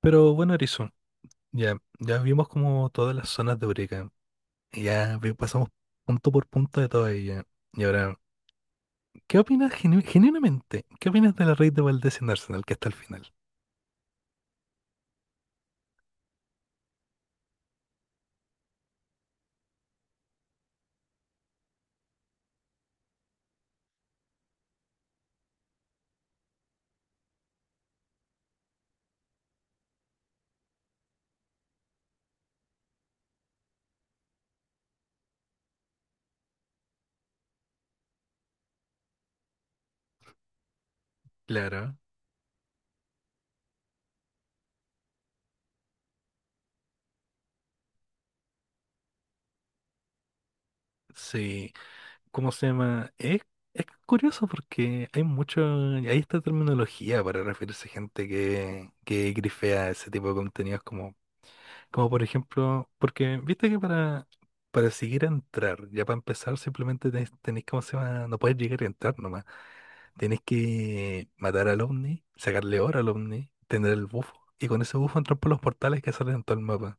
Pero bueno, Erizo, ya vimos como todas las zonas de Eureka. Pasamos punto por punto de todas ellas. Y ahora, ¿qué opinas genuinamente? ¿Qué opinas de la raid de Valdés en Arsenal que está al final? Claro, sí. ¿Cómo se llama? Es curioso porque hay mucho, hay esta terminología para referirse a gente que grifea ese tipo de contenidos como. Como por ejemplo, porque viste que para seguir a entrar, ya para empezar, simplemente tenés, ¿cómo se llama? No puedes llegar y entrar nomás. Tenés que matar al ovni, sacarle oro al ovni, tener el bufo. Y con ese bufo entran por los portales que salen en todo el mapa.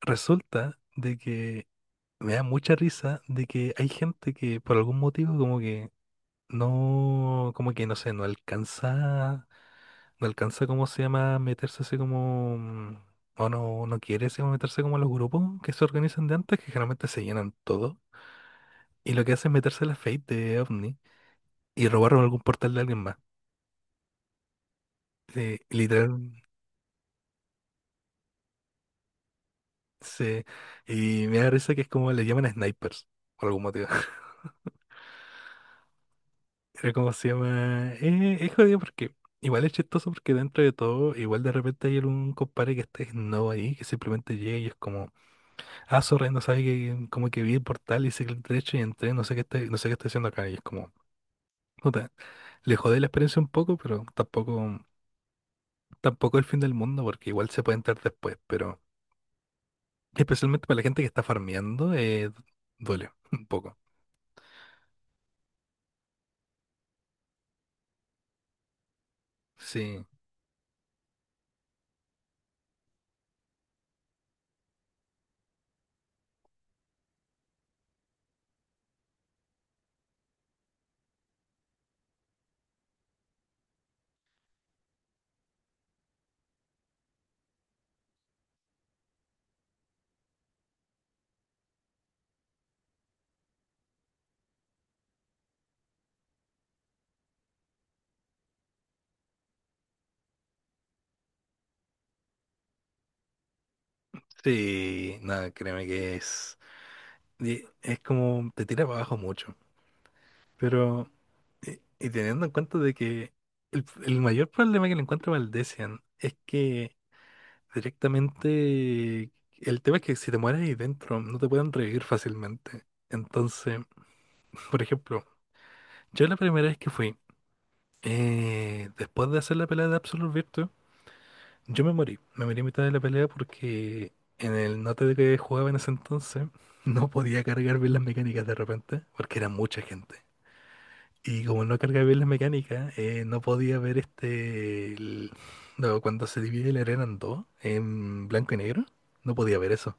Resulta de que me da mucha risa de que hay gente que por algún motivo como que no sé, no alcanza. No alcanza, ¿cómo se llama? Meterse así como... o no, no quiere así como meterse como a los grupos que se organizan de antes, que generalmente se llenan todo. Y lo que hace es meterse a la Fate de OVNI y robar algún portal de alguien más. Literal, se... Y me da risa que es como le llaman snipers, por algún motivo. Pero como se llama... es jodido porque... Igual es chistoso porque dentro de todo, igual de repente hay algún compadre que esté no ahí, que simplemente llega y es como... Ah, sorry, no sabía que como que vi el portal y el derecho y entré, no sé qué está, no sé qué está haciendo acá. Y es como, puta, le jodé la experiencia un poco, pero tampoco, tampoco el fin del mundo, porque igual se puede entrar después, pero especialmente para la gente que está farmeando, duele un poco. Sí, sí, nada, créeme que es, y es como, te tira para abajo mucho, pero, y teniendo en cuenta de que el mayor problema que le encuentro a Valdecian es que directamente, el tema es que si te mueres ahí dentro, no te pueden revivir fácilmente. Entonces, por ejemplo, yo la primera vez que fui, después de hacer la pelea de Absolute Virtue, yo me morí. Me morí a mitad de la pelea porque en el note de que jugaba en ese entonces, no podía cargar bien las mecánicas de repente, porque era mucha gente. Y como no cargaba bien las mecánicas, no podía ver este... no, cuando se divide la arena en dos, en blanco y negro, no podía ver eso.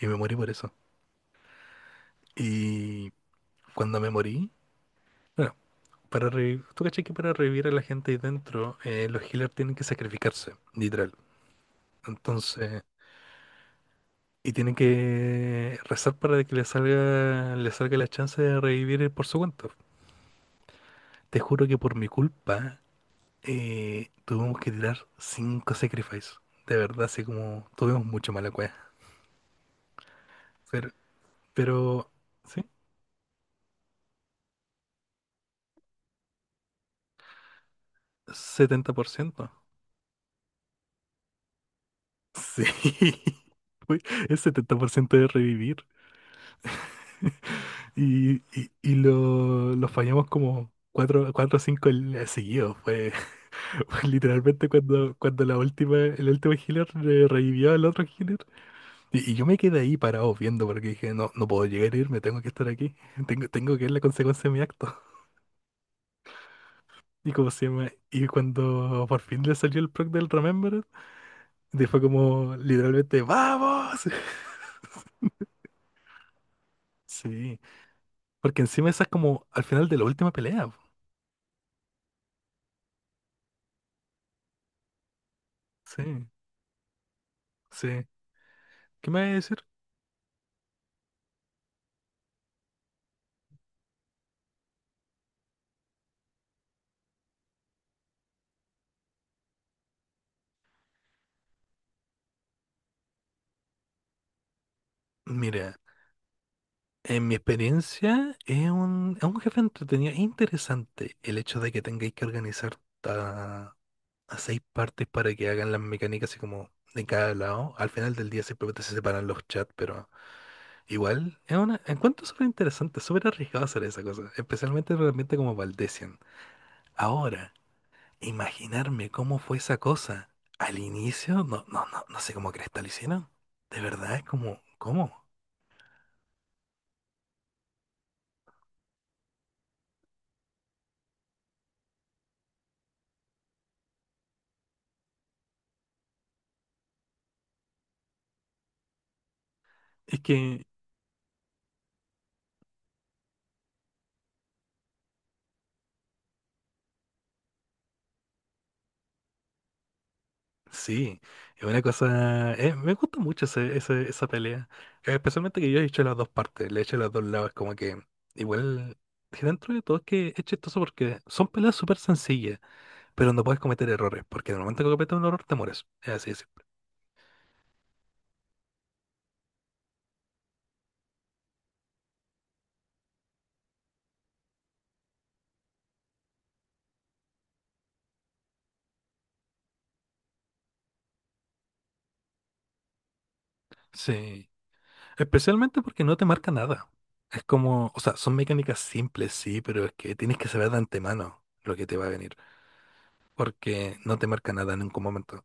Y me morí por eso. Y cuando me morí, bueno, tú cachai que para revivir a la gente ahí dentro, los healers tienen que sacrificarse, literal. Entonces, y tienen que rezar para que le salga la chance de revivir por su cuenta. Te juro que por mi culpa, tuvimos que tirar 5 sacrifices. De verdad, así como tuvimos mucho mala cueva. Pero, pero, ¿sí? 70%. Sí. Uy, es 70% de revivir. Y lo fallamos como cuatro o cinco seguidos. Fue, fue literalmente cuando la última, el último healer revivió al otro healer. Y yo me quedé ahí parado viendo porque dije, no, no puedo llegar a irme, tengo que estar aquí. Tengo que ver la consecuencia de mi acto. Y como se llama, y cuando por fin le salió el proc del Remember, fue como literalmente, ¡vamos! Sí, porque encima esa es como al final de la última pelea, po. Sí, sí. ¿Qué me vas a decir? Mira, en mi experiencia es es un jefe entretenido. Es interesante el hecho de que tengáis que organizar a, a 6 partes para que hagan las mecánicas así como de cada lado. Al final del día simplemente se separan los chats, pero igual es una, encuentro súper interesante, súper arriesgado hacer esa cosa, especialmente realmente como Valdecian. Ahora, imaginarme cómo fue esa cosa al inicio, no sé cómo cresta lo hicieron. De verdad, es como, ¿cómo? Es que sí, es una cosa. Me gusta mucho esa pelea. Especialmente que yo he hecho las dos partes, le he hecho los dos lados. Como que igual, que dentro de todo es que es chistoso porque son peleas súper sencillas, pero no puedes cometer errores, porque en el momento que cometes un error te mueres. Es así de simple. Sí, especialmente porque no te marca nada. Es como, o sea, son mecánicas simples, sí, pero es que tienes que saber de antemano lo que te va a venir, porque no te marca nada en ningún momento.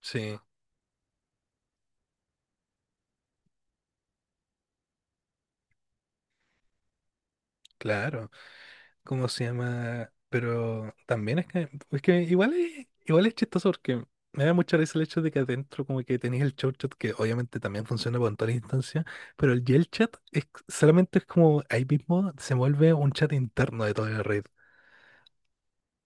Sí, claro. ¿Cómo se llama? Pero también es es que igual es chistoso porque me da mucha risa el hecho de que adentro como que tenéis el show chat que obviamente también funciona con todas las instancias, pero el Yell chat es, solamente es como ahí mismo se vuelve un chat interno de toda la red.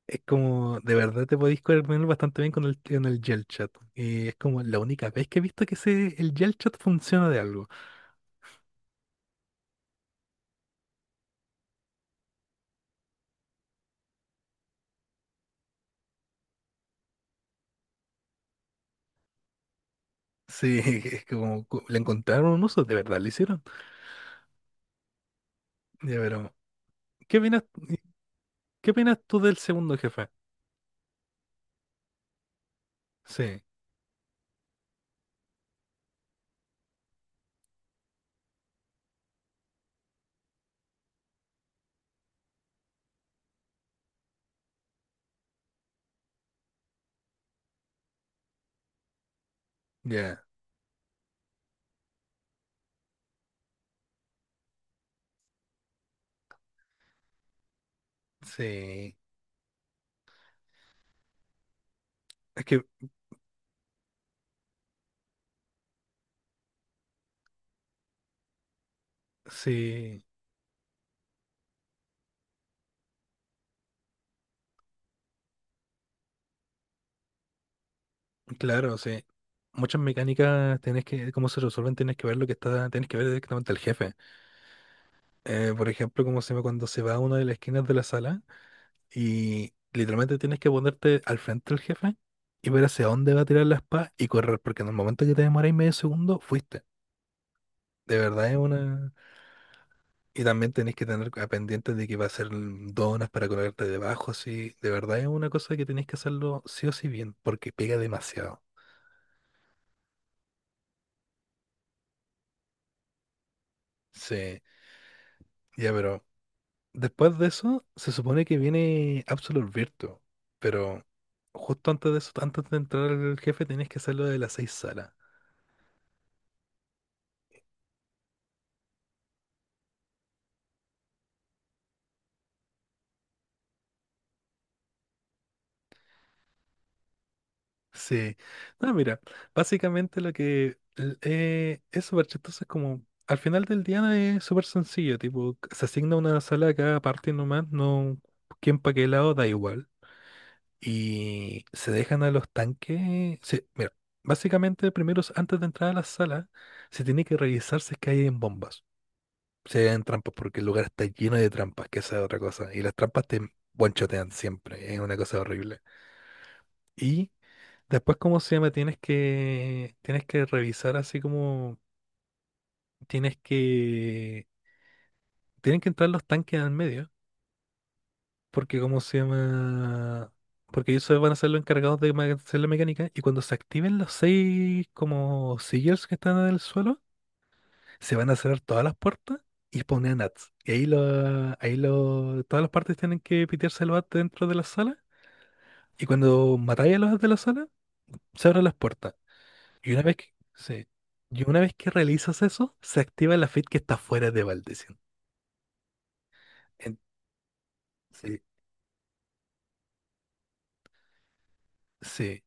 Es como, de verdad te podéis coordinar bastante bien con con el Yell chat. Y es como la única vez que he visto que ese, el Yell chat funciona de algo. Sí, es como le encontraron un uso, de verdad lo hicieron. Ya, pero, ¿qué opinas? ¿Qué opinas tú del segundo jefe? Sí, ya, sí. Es que, sí, claro, sí. Muchas mecánicas tenés que, cómo se resuelven, tenés que ver lo que está, tenés que ver directamente al jefe. Por ejemplo, como se llama cuando se va a una de las esquinas de la sala y literalmente tienes que ponerte al frente del jefe y ver hacia dónde va a tirar la espada y correr, porque en el momento que te demoráis medio segundo, fuiste. De verdad es una. Y también tenés que tener a pendiente de que va a ser donas para colgarte debajo, así. De verdad es una cosa que tenés que hacerlo sí o sí bien, porque pega demasiado. Sí, ya, pero después de eso se supone que viene Absolute Virtue, pero justo antes de eso, antes de entrar al jefe, tenés que hacer lo de las 6 salas. Sí. No, mira, básicamente lo que es súper chistoso es como, al final del día no es súper sencillo, tipo, se asigna una sala a cada parte nomás, no, quién pa' qué lado, da igual. Y se dejan a los tanques, sí, mira, básicamente primero, antes de entrar a la sala, se tiene que revisar si es que hay bombas, si hay trampas, porque el lugar está lleno de trampas, que esa es otra cosa, y las trampas te guanchotean siempre, es una cosa horrible. Y después, ¿cómo se llama? Tienes que revisar así como, tienes que, tienen que entrar los tanques al medio, porque ¿cómo se llama? Porque ellos se van a ser los encargados de hacer la mecánica y cuando se activen los 6 como sealers que están en el suelo, se van a cerrar todas las puertas y poner nats. Ahí lo, todas las partes tienen que pitearse el bat dentro de la sala y cuando matáis a los de la sala, se abren las puertas. Y una vez que, sí, y una vez que realizas eso, se activa la feed que está fuera de Valdecian. En- sí, sí,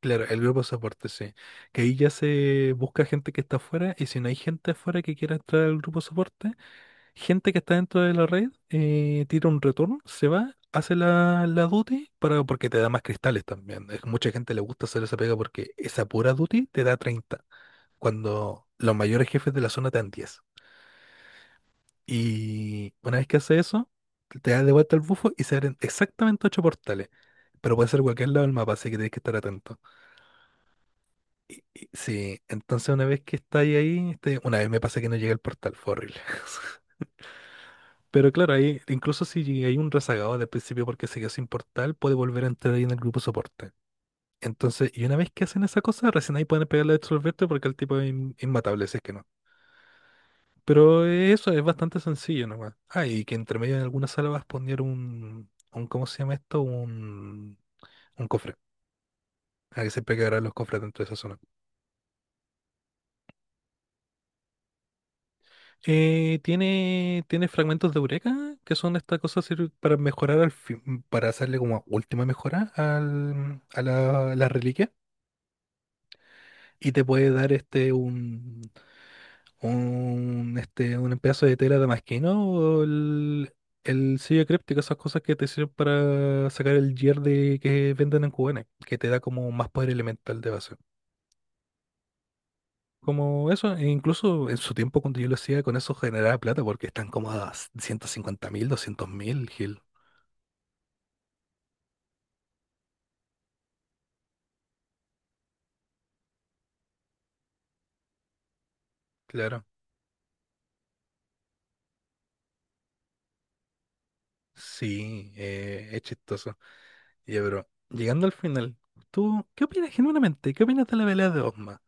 claro, el grupo de soporte, sí. Que ahí ya se busca gente que está afuera y si no hay gente afuera que quiera entrar al grupo de soporte, gente que está dentro de la red, tira un retorno, se va, hace la duty para, porque te da más cristales también. Mucha gente le gusta hacer esa pega porque esa pura duty te da 30 cuando los mayores jefes de la zona te dan 10. Y una vez que hace eso, te das de vuelta al bufo y se abren exactamente 8 portales. Pero puede ser cualquier lado del mapa, así que tienes que estar atento. Sí, entonces una vez que estáis ahí, este, una vez me pasa que no llegué al portal, fue horrible. Pero claro, ahí, incluso si hay un rezagado del principio porque se quedó sin portal, puede volver a entrar ahí en el grupo soporte. Entonces, y una vez que hacen esa cosa, recién ahí pueden pegarle a absolverte porque el tipo es inmatable, si es que no. Pero eso es bastante sencillo nomás. Ah, y que entre medio en alguna sala vas a poner un, ¿cómo se llama esto? Un cofre. Hay que siempre quedarán los cofres dentro de esa zona. Tiene fragmentos de eureka, que son estas cosas para mejorar al fin, para hacerle como última mejora a a la reliquia. Y te puede dar un pedazo de tela damasquino el sello críptico, esas cosas que te sirven para sacar el gear de, que venden en Cubana, que te da como más poder elemental de base. Como eso, e incluso en su tiempo cuando yo lo hacía, con eso generaba plata porque están como a 150.000, 200.000, Gil. Claro. Sí, es chistoso. Ya, pero llegando al final, ¿tú qué opinas genuinamente? ¿Qué opinas de la pelea de Osma?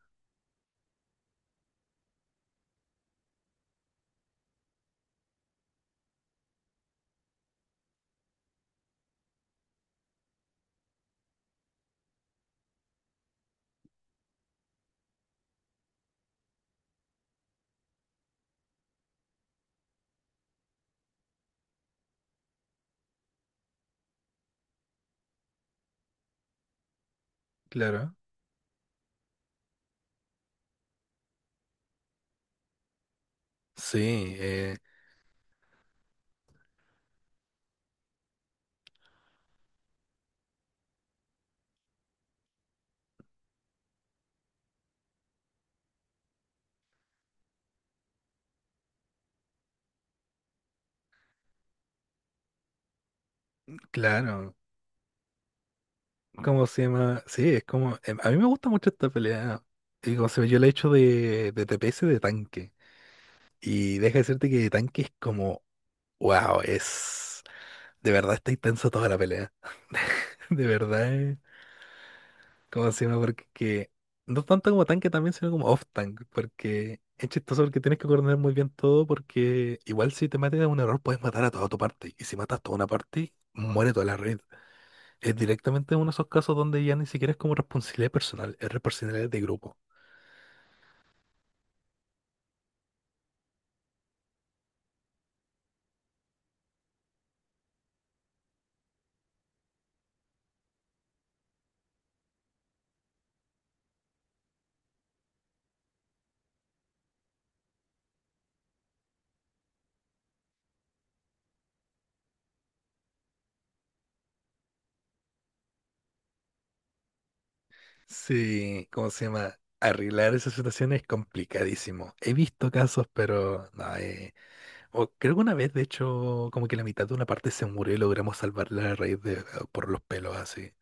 Claro. Sí, claro. ¿Cómo se llama? Sí, es como a mí me gusta mucho esta pelea. Y como se ve, yo la he hecho de TPS de tanque. Y deja de decirte que de tanque es como, ¡wow! Es, de verdad está intensa toda la pelea. De verdad, ¿cómo se llama? No tanto como tanque también, sino como off-tank. Porque es chistoso porque tienes que coordinar muy bien todo. Porque igual si te matas en un error, puedes matar a toda tu parte. Y si matas toda una parte, muere toda la red. Es directamente uno de esos casos donde ya ni siquiera es como responsabilidad personal, es responsabilidad de grupo. Sí, ¿cómo se llama? Arreglar esa situación es complicadísimo. He visto casos, pero no, o creo que una vez, de hecho, como que la mitad de una parte se murió y logramos salvarla a raíz de por los pelos así.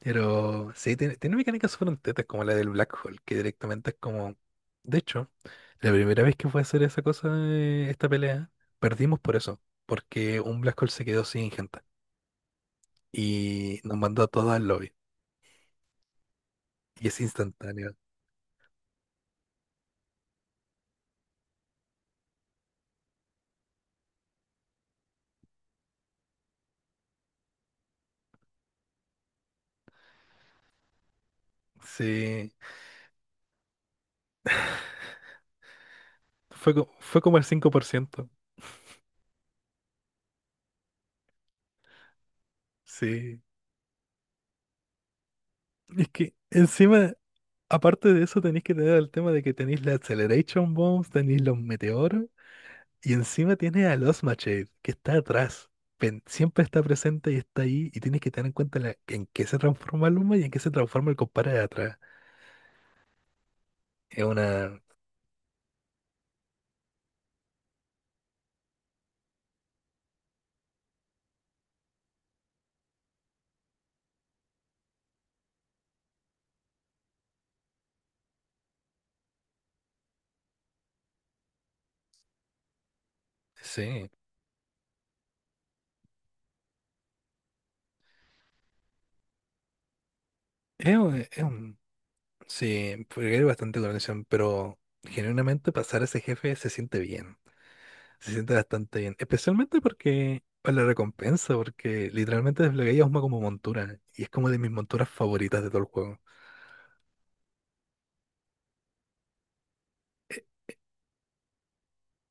Pero sí, tiene mecánicas súper tetas como la del Black Hole, que directamente es como. De hecho, la primera vez que fue a hacer esa cosa, esta pelea, perdimos por eso, porque un Black Hole se quedó sin gente y nos mandó a todos al lobby. Y es instantáneo. Sí. Fue, fue como el 5%. Sí. Es que encima, aparte de eso, tenéis que tener el tema de que tenéis la Acceleration Bombs, tenéis los meteoros, y encima tienes a los Machete, que está atrás. Siempre está presente y está ahí, y tienes que tener en cuenta en qué se transforma Luma y en qué se transforma el compadre de atrás. Es una... Sí. Es un, sí, porque hay bastante coordinación, pero genuinamente pasar a ese jefe se siente bien, se siente bastante bien, especialmente porque por la recompensa, porque literalmente desbloqueas una como montura y es como de mis monturas favoritas de todo el juego.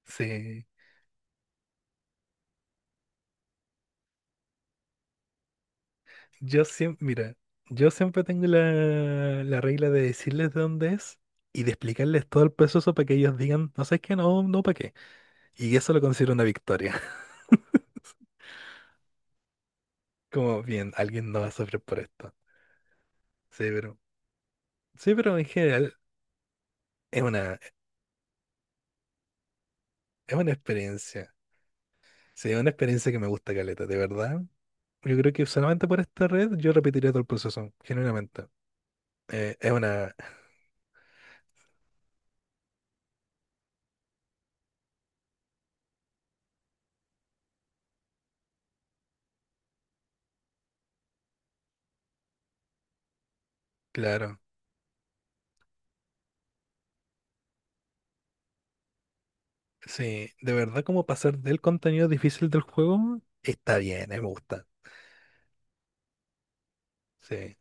Sí, yo siempre, mira, yo siempre tengo la, la regla de decirles de dónde es y de explicarles todo el proceso para que ellos digan, no sé qué, no, no, para qué. Y eso lo considero una victoria. Como bien, alguien no va a sufrir por esto. Sí, pero, sí, pero en general es una, es una experiencia. Sí, es una experiencia que me gusta caleta, de verdad. Yo creo que solamente por esta red yo repetiría todo el proceso, genuinamente. Es una, claro, sí, de verdad como pasar del contenido difícil del juego está bien, me gusta. Sí,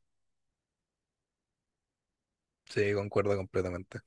sí, concuerdo completamente.